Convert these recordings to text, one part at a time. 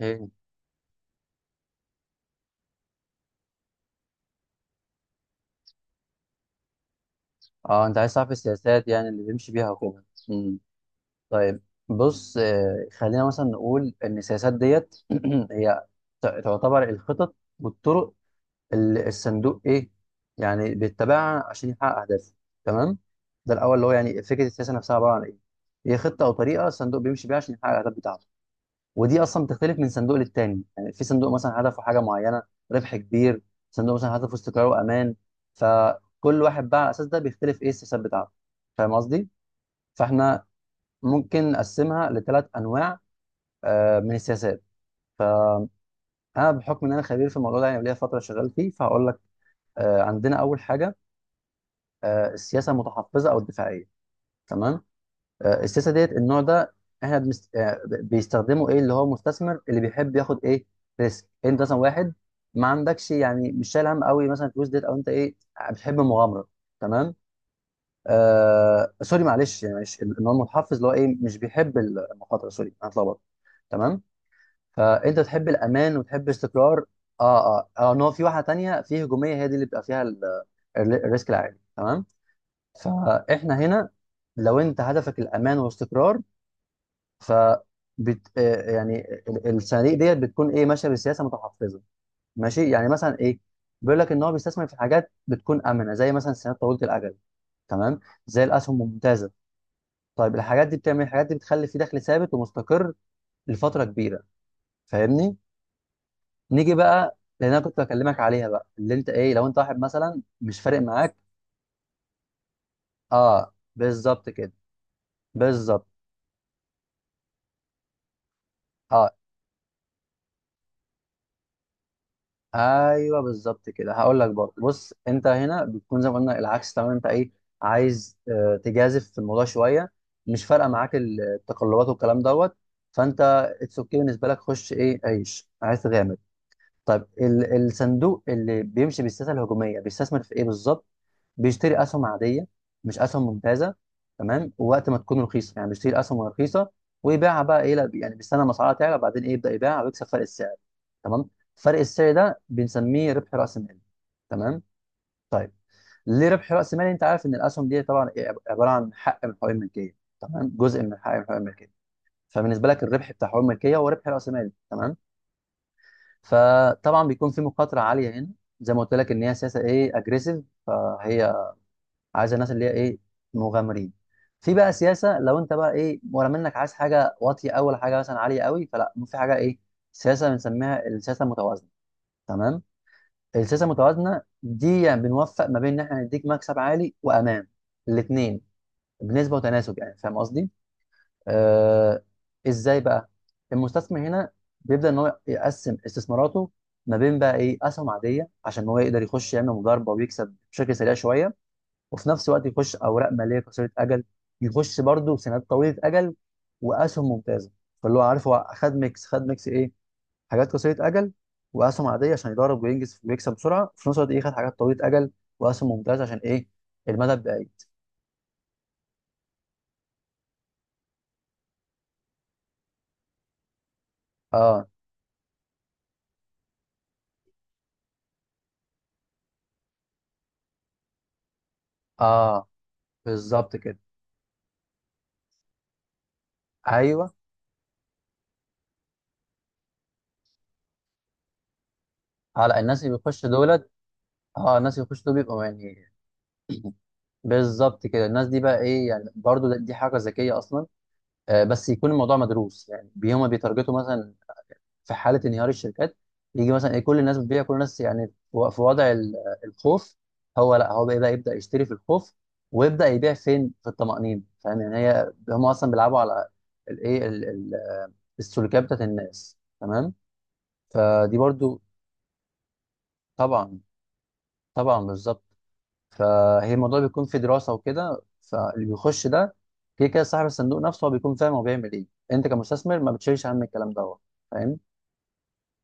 ايه. اه، انت عايز تعرف السياسات يعني اللي بيمشي بيها وكده. طيب، بص. خلينا مثلا نقول ان السياسات ديت هي تعتبر الخطط والطرق اللي الصندوق ايه يعني بيتبعها عشان يحقق اهدافه. تمام. ده الاول اللي هو يعني فكره السياسه نفسها عباره عن ايه. هي خطه او طريقه الصندوق بيمشي بيها عشان يحقق الاهداف بتاعته. ودي اصلا بتختلف من صندوق للتاني. يعني في صندوق مثلا هدفه حاجه معينه، ربح كبير. صندوق مثلا هدفه استقرار وامان. فكل واحد بقى على الاساس ده بيختلف ايه السياسات بتاعته. فاهم قصدي؟ فاحنا ممكن نقسمها لثلاث انواع. من السياسات، انا بحكم ان انا خبير في الموضوع ده، يعني ليا فتره شغال فيه، فهقول لك. عندنا اول حاجه، السياسه المتحفظه او الدفاعيه. تمام. السياسه ديت، النوع ده، احنا بنست... آه، بيستخدمه ايه اللي هو مستثمر اللي بيحب ياخد ايه، ريسك. انت مثلا واحد ما عندكش، يعني مش شايل هم قوي مثلا الفلوس ديت، او انت ايه، بتحب المغامره. تمام. سوري، معلش، يعني معلش. ان هو المتحفظ اللي هو ايه، مش بيحب المخاطره. سوري، انا اتلخبطت. تمام. فانت تحب الامان وتحب استقرار. اه اه اه. ان هو في واحده تانيه، في هجوميه، هي دي اللي بيبقى فيها الريسك العالي. تمام. فاحنا هنا لو انت هدفك الامان والاستقرار، ف بت... آه، يعني الصناديق ديت بتكون ايه، ماشيه بسياسه متحفظه. ماشي. يعني مثلا ايه، بيقول لك ان هو بيستثمر في حاجات بتكون امنه، زي مثلا السندات طويله الاجل، تمام، زي الاسهم الممتازه. طيب الحاجات دي بتعمل إيه؟ الحاجات دي بتخلي في دخل ثابت ومستقر لفتره كبيره. فاهمني؟ نيجي بقى، لان انا كنت بكلمك عليها بقى، اللي انت ايه، لو انت واحد مثلا مش فارق معاك. اه بالظبط كده، بالظبط. اه ايوه بالظبط كده. هقول لك برضه، بص، انت هنا بتكون زي ما قلنا العكس تماما. انت ايه، عايز تجازف في الموضوع شويه، مش فارقه معاك التقلبات والكلام دوت، فانت اتس اوكي بالنسبه لك. خش ايه، عيش، عايز تغامر. طيب الصندوق اللي بيمشي بالسياسه الهجوميه بيستثمر في ايه بالظبط؟ بيشتري اسهم عاديه، مش اسهم ممتازه. تمام. ووقت ما تكون رخيصه، يعني بيشتري اسهم رخيصه، ويبيعها بقى ايه، لا، يعني بيستنى ما اسعارها تعلى، وبعدين ايه، يبدا يبيعها ويكسب فرق السعر. تمام. فرق السعر ده بنسميه ربح راس مال. تمام. طيب ليه ربح راس مال؟ انت عارف ان الاسهم دي طبعا إيه؟ عباره عن حق من حقوق الملكيه. تمام، جزء من حق من حقوق الملكيه. فبالنسبه لك، الربح بتاع حقوق الملكيه هو ربح راس مال. تمام. فطبعا بيكون في مخاطره عاليه هنا، زي ما قلت لك، ان هي سياسه ايه، اجريسيف، فهي عايزه الناس اللي هي ايه، مغامرين. في بقى سياسه، لو انت بقى ايه، ولا منك، عايز حاجه واطيه أوي ولا حاجه مثلا عاليه قوي، فلا، في حاجه ايه، سياسه بنسميها السياسه المتوازنه. تمام. السياسه المتوازنه دي يعني بنوفق ما بين ان احنا نديك مكسب عالي وامان، الاثنين، بنسبه وتناسب. يعني فاهم قصدي؟ آه ازاي بقى؟ المستثمر هنا بيبدأ ان هو يقسم استثماراته ما بين بقى ايه، اسهم عاديه، عشان هو يقدر يخش يعمل مضاربه ويكسب بشكل سريع شويه، وفي نفس الوقت يخش اوراق ماليه قصيره اجل، يخش برضه سندات طويله اجل، واسهم ممتازه. فاللي هو عارف، هو خد ميكس، خد ميكس ايه، حاجات قصيره اجل واسهم عاديه عشان يضارب وينجز ويكسب بسرعه، وفي نفس الوقت ايه، خد حاجات طويله اجل واسهم ممتازه عشان ايه، المدى البعيد. اه اه بالظبط كده. ايوه، اه، لا، الناس اللي بيخشوا دولت، اه الناس اللي بيخشوا دول بيبقوا يعني، بالظبط كده. الناس دي بقى ايه، يعني برضو دي حركه ذكيه اصلا، بس يكون الموضوع مدروس. يعني هما بيتارجتوا مثلا في حاله انهيار الشركات. يجي مثلا ايه، كل الناس بتبيع، كل الناس يعني في في وضع الخوف، هو لا، هو بقى يبدا يشتري في الخوف، ويبدا يبيع فين، في الطمأنينه. فاهم يعني؟ هم اصلا بيلعبوا على الايه، السلوكيات بتاعت الناس. تمام. فدي برضو، طبعا طبعا، بالظبط. فهي الموضوع بيكون في دراسه وكده. فاللي بيخش ده، كده كده صاحب الصندوق نفسه هو بيكون فاهم هو بيعمل ايه. انت كمستثمر ما بتشيلش هم الكلام دوت. فاهم؟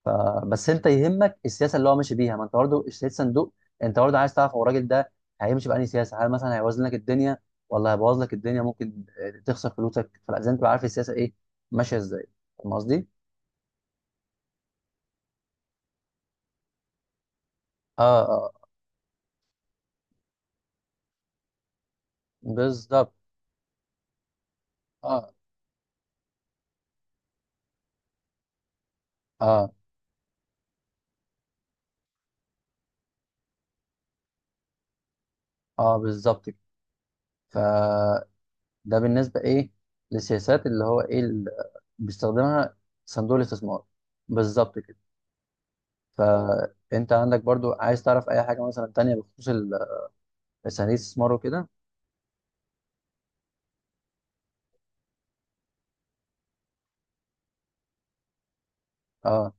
ف- بس انت يهمك السياسه اللي هو ماشي بيها، ما انت برضه اشتريت صندوق. انت برضه عايز تعرف هو الراجل ده هيمشي بأنهي سياسه، هل مثلا هيوازن لك الدنيا، ولا هيبوظ لك الدنيا، ممكن تخسر فلوسك. فلازم تبقى عارف السياسه ايه، ماشيه ازاي. فاهم قصدي؟ اه اه بالظبط. اه اه اه بالظبط كده. ف، ده بالنسبة إيه، للسياسات اللي هو إيه اللي بيستخدمها صندوق الاستثمار. بالظبط كده. فأنت عندك برضو عايز تعرف أي حاجة مثلا تانية بخصوص صناديق الاستثمار وكده؟ أه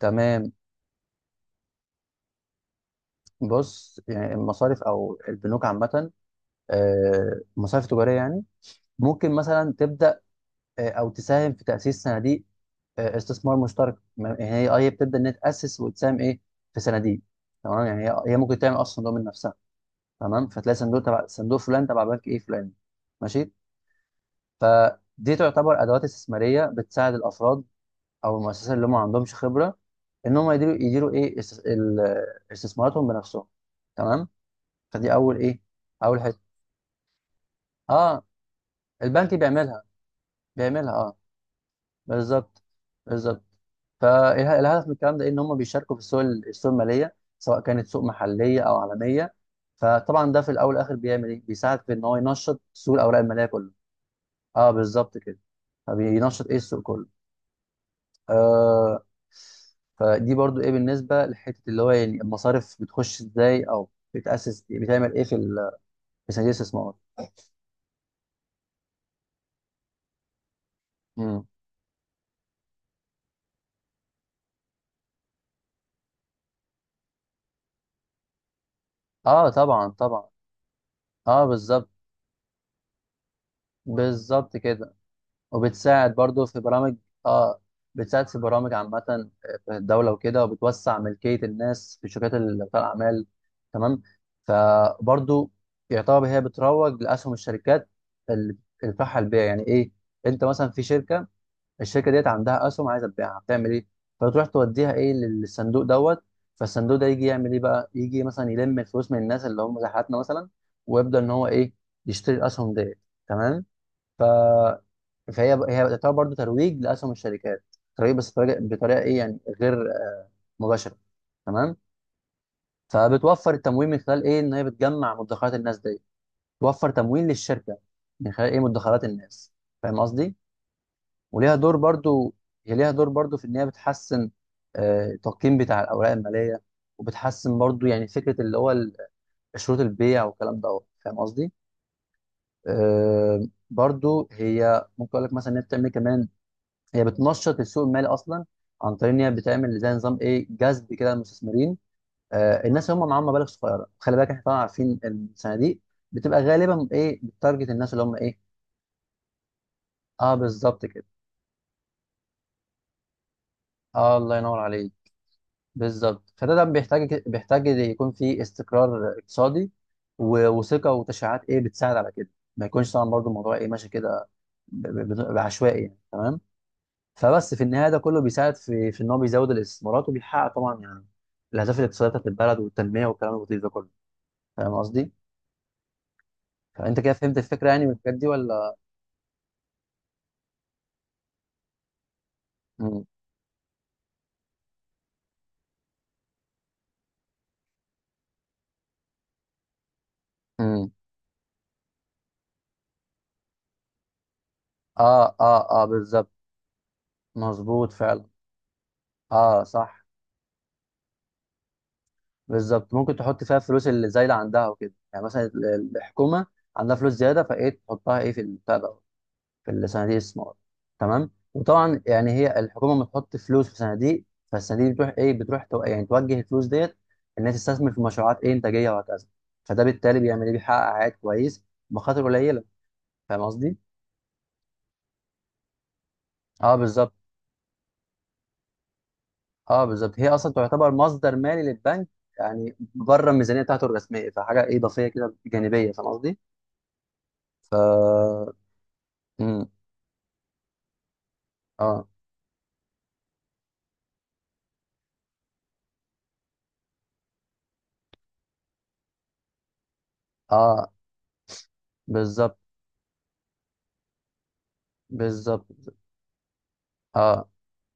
تمام. بص، يعني المصارف أو البنوك عامة، مصارف تجارية يعني، ممكن مثلا تبدأ، أو تساهم في تأسيس صناديق، استثمار مشترك، يعني هي هي بتبدأ إن هي تأسس وتساهم إيه في صناديق. تمام. يعني هي ممكن تعمل أصلا صندوق من نفسها. تمام. فتلاقي صندوق تبع صندوق فلان تبع بنك ايه فلان. ماشي. فدي تعتبر ادوات استثماريه بتساعد الافراد او المؤسسات اللي هم ما عندهمش خبره ان هم يديروا ايه، استثماراتهم بنفسهم. تمام. فدي اول ايه، اول حته، اه، البنك بيعملها، اه، بالظبط، بالظبط. فالهدف من الكلام ده ان هم بيشاركوا في السوق، الماليه، سواء كانت سوق محليه او عالميه. فطبعا ده في الاول والاخر بيعمل ايه، بيساعد في ان هو ينشط سوق الاوراق الماليه كله. اه بالظبط كده. فبينشط ايه السوق كله. آه. فدي برضو ايه بالنسبه لحته اللي هو يعني المصارف بتخش ازاي، او بتاسس إيه، بتعمل ايه في في صناديق الاستثمار. مم. اه طبعا طبعا، اه بالظبط، بالظبط كده. وبتساعد برضو في برامج، اه بتساعد في برامج عامة، في الدولة وكده، وبتوسع ملكية الناس في شركات بتاع الأعمال. تمام. فبرضو يعتبر هي بتروج لأسهم الشركات اللي بتنفعها البيع. يعني إيه؟ أنت مثلا في شركة، الشركة ديت عندها أسهم عايزة تبيعها، بتعمل إيه، فتروح توديها إيه، للصندوق دوت. فالصندوق ده يجي يعمل إيه بقى، يجي مثلا يلم الفلوس من الناس اللي هم زي حالاتنا مثلا، ويبدأ إن هو إيه، يشتري الأسهم ديت. تمام. فهي تعتبر برضو ترويج لاسهم الشركات، ترويج بس بطريقه، بطريقة ايه يعني، غير مباشره. تمام. فبتوفر التمويل من خلال ايه، ان هي بتجمع مدخرات الناس دي، توفر تمويل للشركه من خلال ايه، مدخرات الناس. فاهم قصدي؟ وليها دور برضو، هي ليها دور برضو في ان هي بتحسن التقييم بتاع الاوراق الماليه، وبتحسن برضو يعني فكره اللي هو شروط البيع والكلام ده. فاهم قصدي؟ برضو هي ممكن اقول لك مثلا ان هي بتعمل كمان، هي بتنشط السوق المالي اصلا عن طريق ان هي بتعمل زي نظام ايه، جذب كده للمستثمرين. آه، الناس اللي هم معاهم مبالغ صغيره، خلي بالك احنا طبعا عارفين الصناديق بتبقى غالبا ايه، بتارجت الناس اللي هم ايه. اه بالظبط كده. اه الله ينور عليك. بالظبط. فده، ده بيحتاج يكون في استقرار اقتصادي وثقه وتشريعات ايه، بتساعد على كده. ما يكونش طبعا برضو الموضوع ايه، ماشي كده بعشوائي يعني. تمام. فبس في النهايه ده كله بيساعد في ان هو بيزود الاستثمارات، وبيحقق طبعا يعني الاهداف الاقتصاديه بتاعت البلد والتنميه والكلام اللطيف ده كله. فاهم قصدي؟ فانت كده فهمت الفكره يعني من الحاجات دي ولا؟ مم. مم. اه اه اه بالظبط، مظبوط فعلا. اه صح، بالظبط. ممكن تحط فيها الفلوس اللي زايده عندها وكده، يعني مثلا الحكومه عندها فلوس زياده، فايه، تحطها ايه، في البتاع ده، في الصناديق الاستثمار. تمام. وطبعا يعني هي الحكومه لما تحط فلوس في صناديق، فالصناديق بتروح ايه، يعني توجه الفلوس ديت انها تستثمر في مشروعات ايه، انتاجيه وهكذا. فده بالتالي بيعمل ايه، بيحقق عائد كويس بمخاطر قليله. فاهم قصدي؟ اه بالظبط. اه بالظبط. هي اصلا تعتبر مصدر مالي للبنك، يعني بره الميزانيه بتاعته الرسميه، فحاجه ايه، اضافيه كده، جانبيه. فاهم قصدي؟ ف، امم اه اه بالظبط، بالظبط. اه.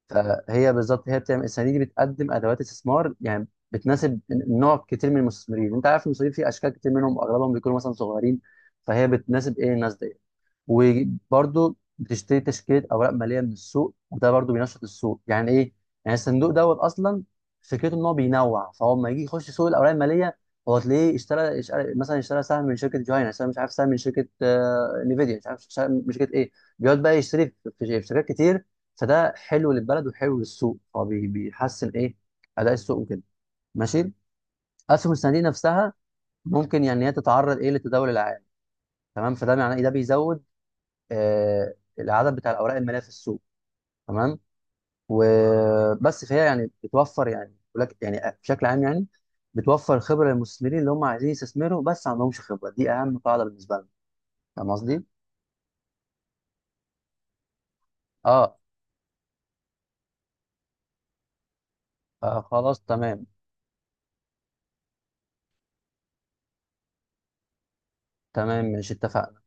فهي بالظبط، هي بتعمل الصناديق دي، بتقدم ادوات استثمار يعني بتناسب نوع كتير من المستثمرين. انت عارف المستثمرين في اشكال كتير منهم، اغلبهم بيكونوا مثلا صغيرين. فهي بتناسب ايه الناس دي. وبرضه بتشتري تشكيله اوراق ماليه من السوق، وده برضه بينشط السوق. يعني ايه، يعني الصندوق دوت اصلا فكرته ان هو بينوع، فهو لما يجي يخش سوق الاوراق الماليه، هو تلاقيه مثلا اشترى سهم من شركه جهينه، اشترى مش عارف سهم من شركه نفيديا، مش عارف سهم من شركه ايه، بيقعد بقى يشتري في شركات كتير. فده حلو للبلد وحلو للسوق، هو بيحسن ايه، اداء السوق وكده. ماشي. اسهم الصناديق نفسها ممكن يعني هي تتعرض ايه، للتداول العام. تمام. فده معناه إيه؟ ده بيزود العدد بتاع الاوراق الماليه في السوق. تمام. وبس. فهي يعني بتوفر، يعني ولك يعني بشكل عام يعني، بتوفر خبره للمستثمرين اللي هم عايزين يستثمروا بس ما عندهمش خبره. دي اهم قاعده بالنسبه لنا. فاهم قصدي؟ اه. خلاص تمام. تمام، ماشي، اتفقنا.